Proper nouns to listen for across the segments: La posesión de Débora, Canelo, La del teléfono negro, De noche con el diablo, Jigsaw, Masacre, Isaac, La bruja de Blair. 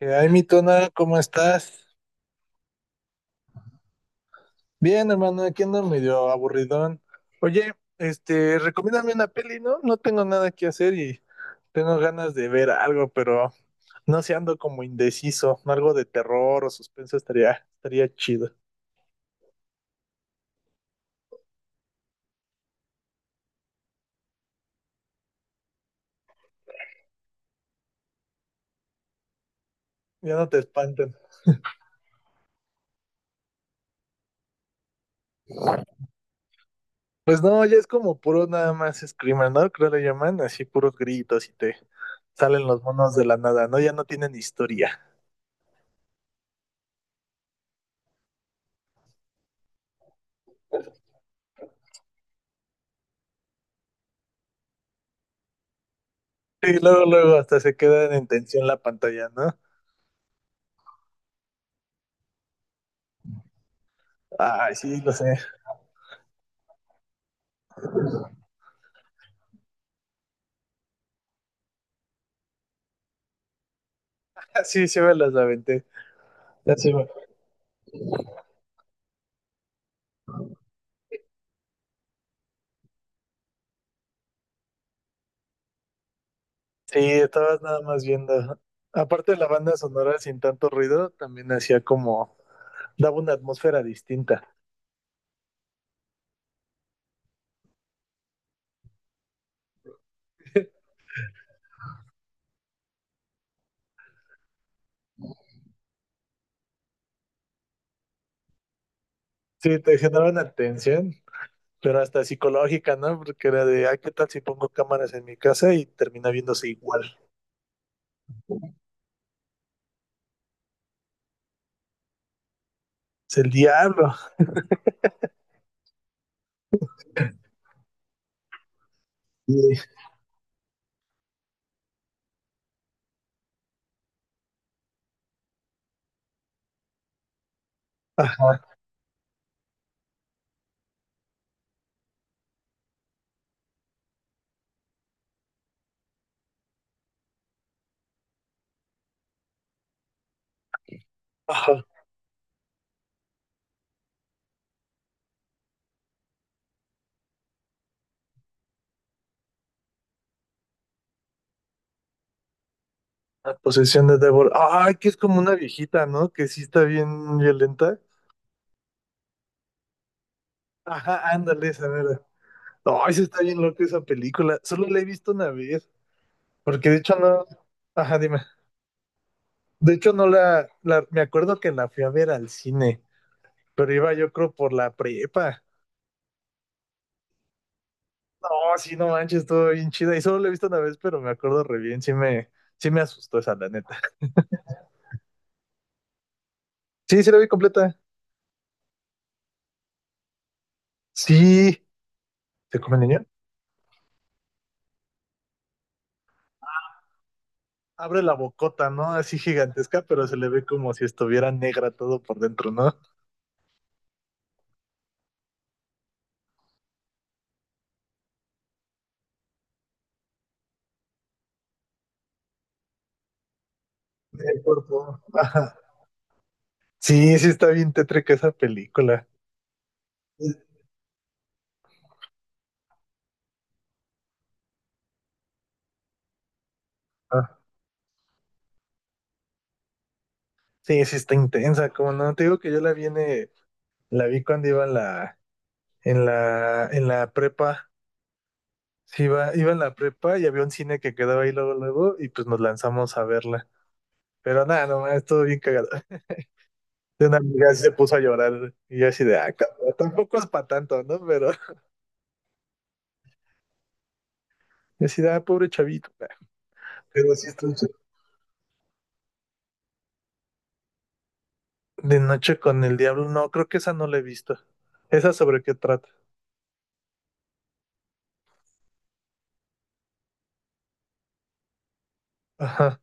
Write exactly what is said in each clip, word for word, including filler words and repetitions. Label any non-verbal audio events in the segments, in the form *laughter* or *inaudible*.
Eh, Ay, mi tona, ¿cómo estás? Bien, hermano, aquí ando medio aburridón. Oye, este, recomiéndame una peli, ¿no? No tengo nada que hacer y tengo ganas de ver algo, pero no sé, ando como indeciso. Algo de terror o suspenso estaría, estaría chido. Ya no te espanten. Pues no, ya es como puro nada más screamer, ¿no? Creo le llaman, así puros gritos y te salen los monos de la nada, ¿no? Ya no tienen historia. Sí, luego, luego hasta se quedan en tensión la pantalla, ¿no? Ay, sí, lo sé. *laughs* Sí, sí me las aventé. Ya sí, me- Sí, estabas nada más viendo. Aparte de la banda sonora sin tanto ruido, también hacía como, daba una atmósfera distinta. Sí, te generaba una tensión, pero hasta psicológica, ¿no? Porque era de, ay, ¿qué tal si pongo cámaras en mi casa y termina viéndose igual? Es el diablo. Sí. Ajá, ajá. La posesión de Débora. Ay, que es como una viejita, ¿no? Que sí está bien violenta. Ajá, ándale, esa verdad. No, eso está bien loco esa película. Solo la he visto una vez, porque de hecho no. Ajá, dime. De hecho no la, la- Me acuerdo que la fui a ver al cine, pero iba yo creo por la prepa. No, sí, no manches, estuvo bien chida. Y solo la he visto una vez, pero me acuerdo re bien. Sí me, sí me asustó esa, la neta. Sí, sí la vi completa. Sí. ¿Se come el niño? Abre la bocota, ¿no? Así gigantesca, pero se le ve como si estuviera negra todo por dentro, ¿no? El cuerpo. Ajá. Sí, sí está bien tétrica esa película. Ah, sí, sí está intensa, como no, te digo que yo la vi en, eh, la vi cuando iba en la, en la, en la prepa. Sí, iba, iba en la prepa y había un cine que quedaba ahí luego, luego, y pues nos lanzamos a verla. Pero nada, nomás estuvo bien cagado. De una amiga sí se puso a llorar y yo así de, ah, cabrón, tampoco es para tanto, ¿no? Pero *laughs* yo así de, ah, pobre chavito. Pero sí está ch- De noche con el diablo, no, creo que esa no la he visto. ¿Esa sobre qué trata? Ajá.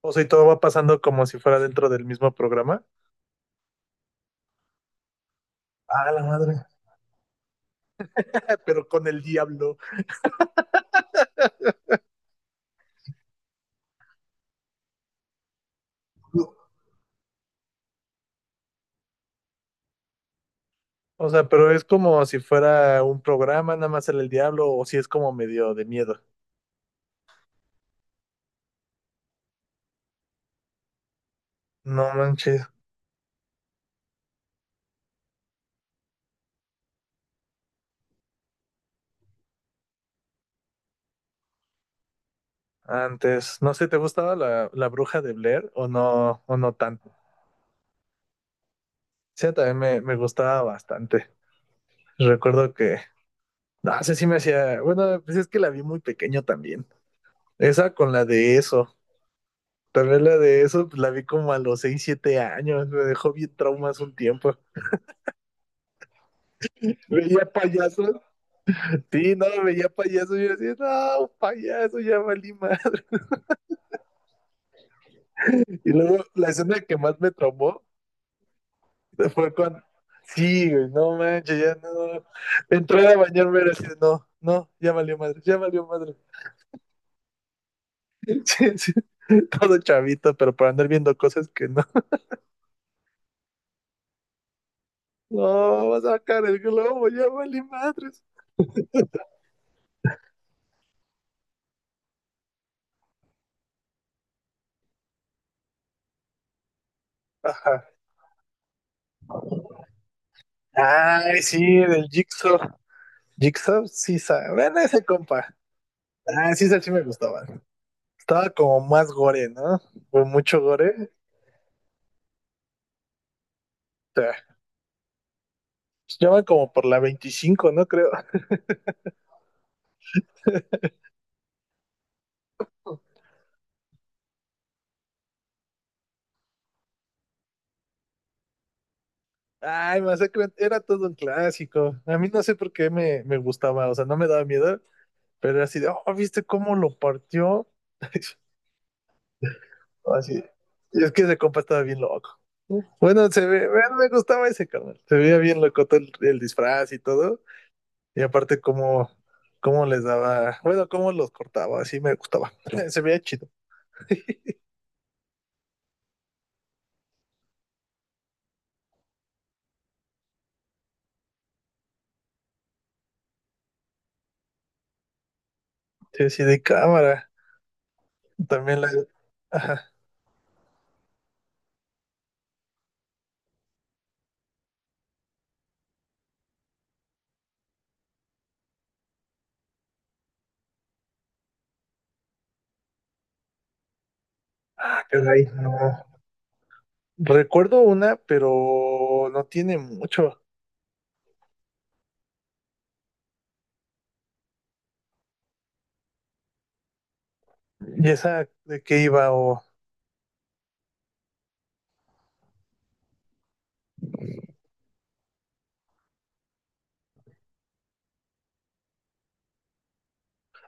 O sea, y todo va pasando como si fuera dentro del mismo programa. Ah, la madre. *laughs* Pero con el diablo. O sea, pero es como si fuera un programa, nada más era el diablo, o si es como medio de miedo. No manches. Antes, no sé, ¿te gustaba la, la bruja de Blair o no, o no tanto? Sí, también me, me gustaba bastante. Recuerdo que, no sé si me hacía, bueno, pues es que la vi muy pequeño también. Esa con la de eso. También la de eso, pues la vi como a los seis siete años, me dejó bien traumas un tiempo. Veía payasos, sí, no, veía payasos y yo decía, no, payaso, ya valí madre. Y luego la escena que más me traumó fue cuando, sí, güey, no manches, ya no. Entré a bañarme y así, de, no, no, ya valió madre, ya valió madre. *laughs* Sí, sí, todo chavito, pero para andar viendo cosas que no. No, vas a sacar el globo, ya valí madres. Ajá. Ay, sí, del Jigsaw. Jigsaw, sí, sabe. Bueno, ese compa. Ah, sí, ese sí me gustaba. Estaba como más gore, ¿no? Fue mucho gore. O sea, pues ya van como por la veinticinco, ¿no? Creo. Ay, Masacre era todo un clásico. A mí no sé por qué me, me gustaba, o sea, no me daba miedo, pero era así de, oh, ¿viste cómo lo partió? *laughs* Así. Y es que ese compa estaba bien loco. Bueno, se ve, bueno, me gustaba ese canal. Se veía bien loco todo el, el disfraz y todo. Y aparte cómo, cómo les daba, bueno, cómo los cortaba, así me gustaba. *laughs* Se veía chido. *laughs* Sí, así de cámara. También la. Ajá. Ah, caray, no. Recuerdo una, pero no tiene mucho. ¿Y esa de qué iba? O...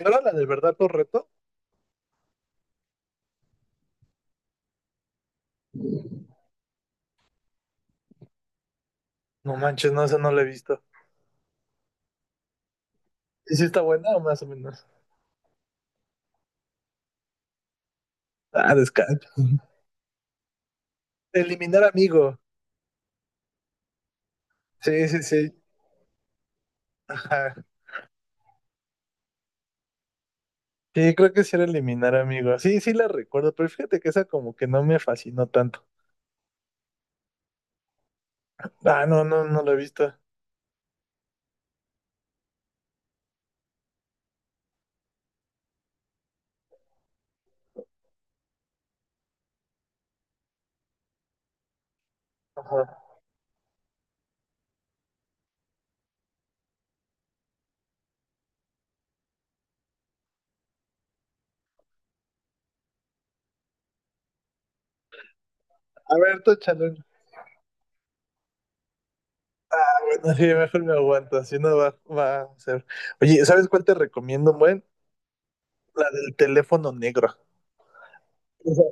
¿No era la de verdad por reto? No manches, no, esa no la he visto. ¿Y si está buena o más o menos? Ah, descanso. Eliminar amigo. Sí, sí, sí. Ajá. Sí, creo que sí era eliminar amigo. Sí, sí la recuerdo, pero fíjate que esa como que no me fascinó tanto. Ah, no, no, no la he visto. Ajá. A ver, tú échale. Bueno, sí, mejor me aguanto, así no va, va a ser. Oye, ¿sabes cuál te recomiendo, buen? La del teléfono negro. Esa-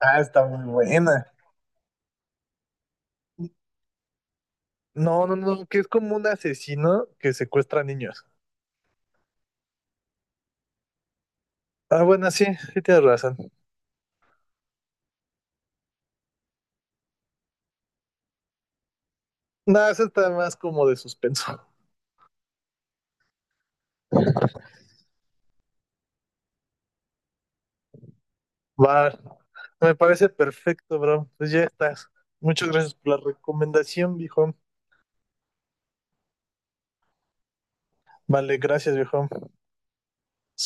Ah, está muy buena. No, no, no, que es como un asesino que secuestra niños. Ah, bueno, sí, sí tienes razón. No, eso está más como de suspenso. Va, me parece perfecto, bro. Pues ya estás. Muchas gracias por la recomendación, viejo. Vale, gracias, viejo.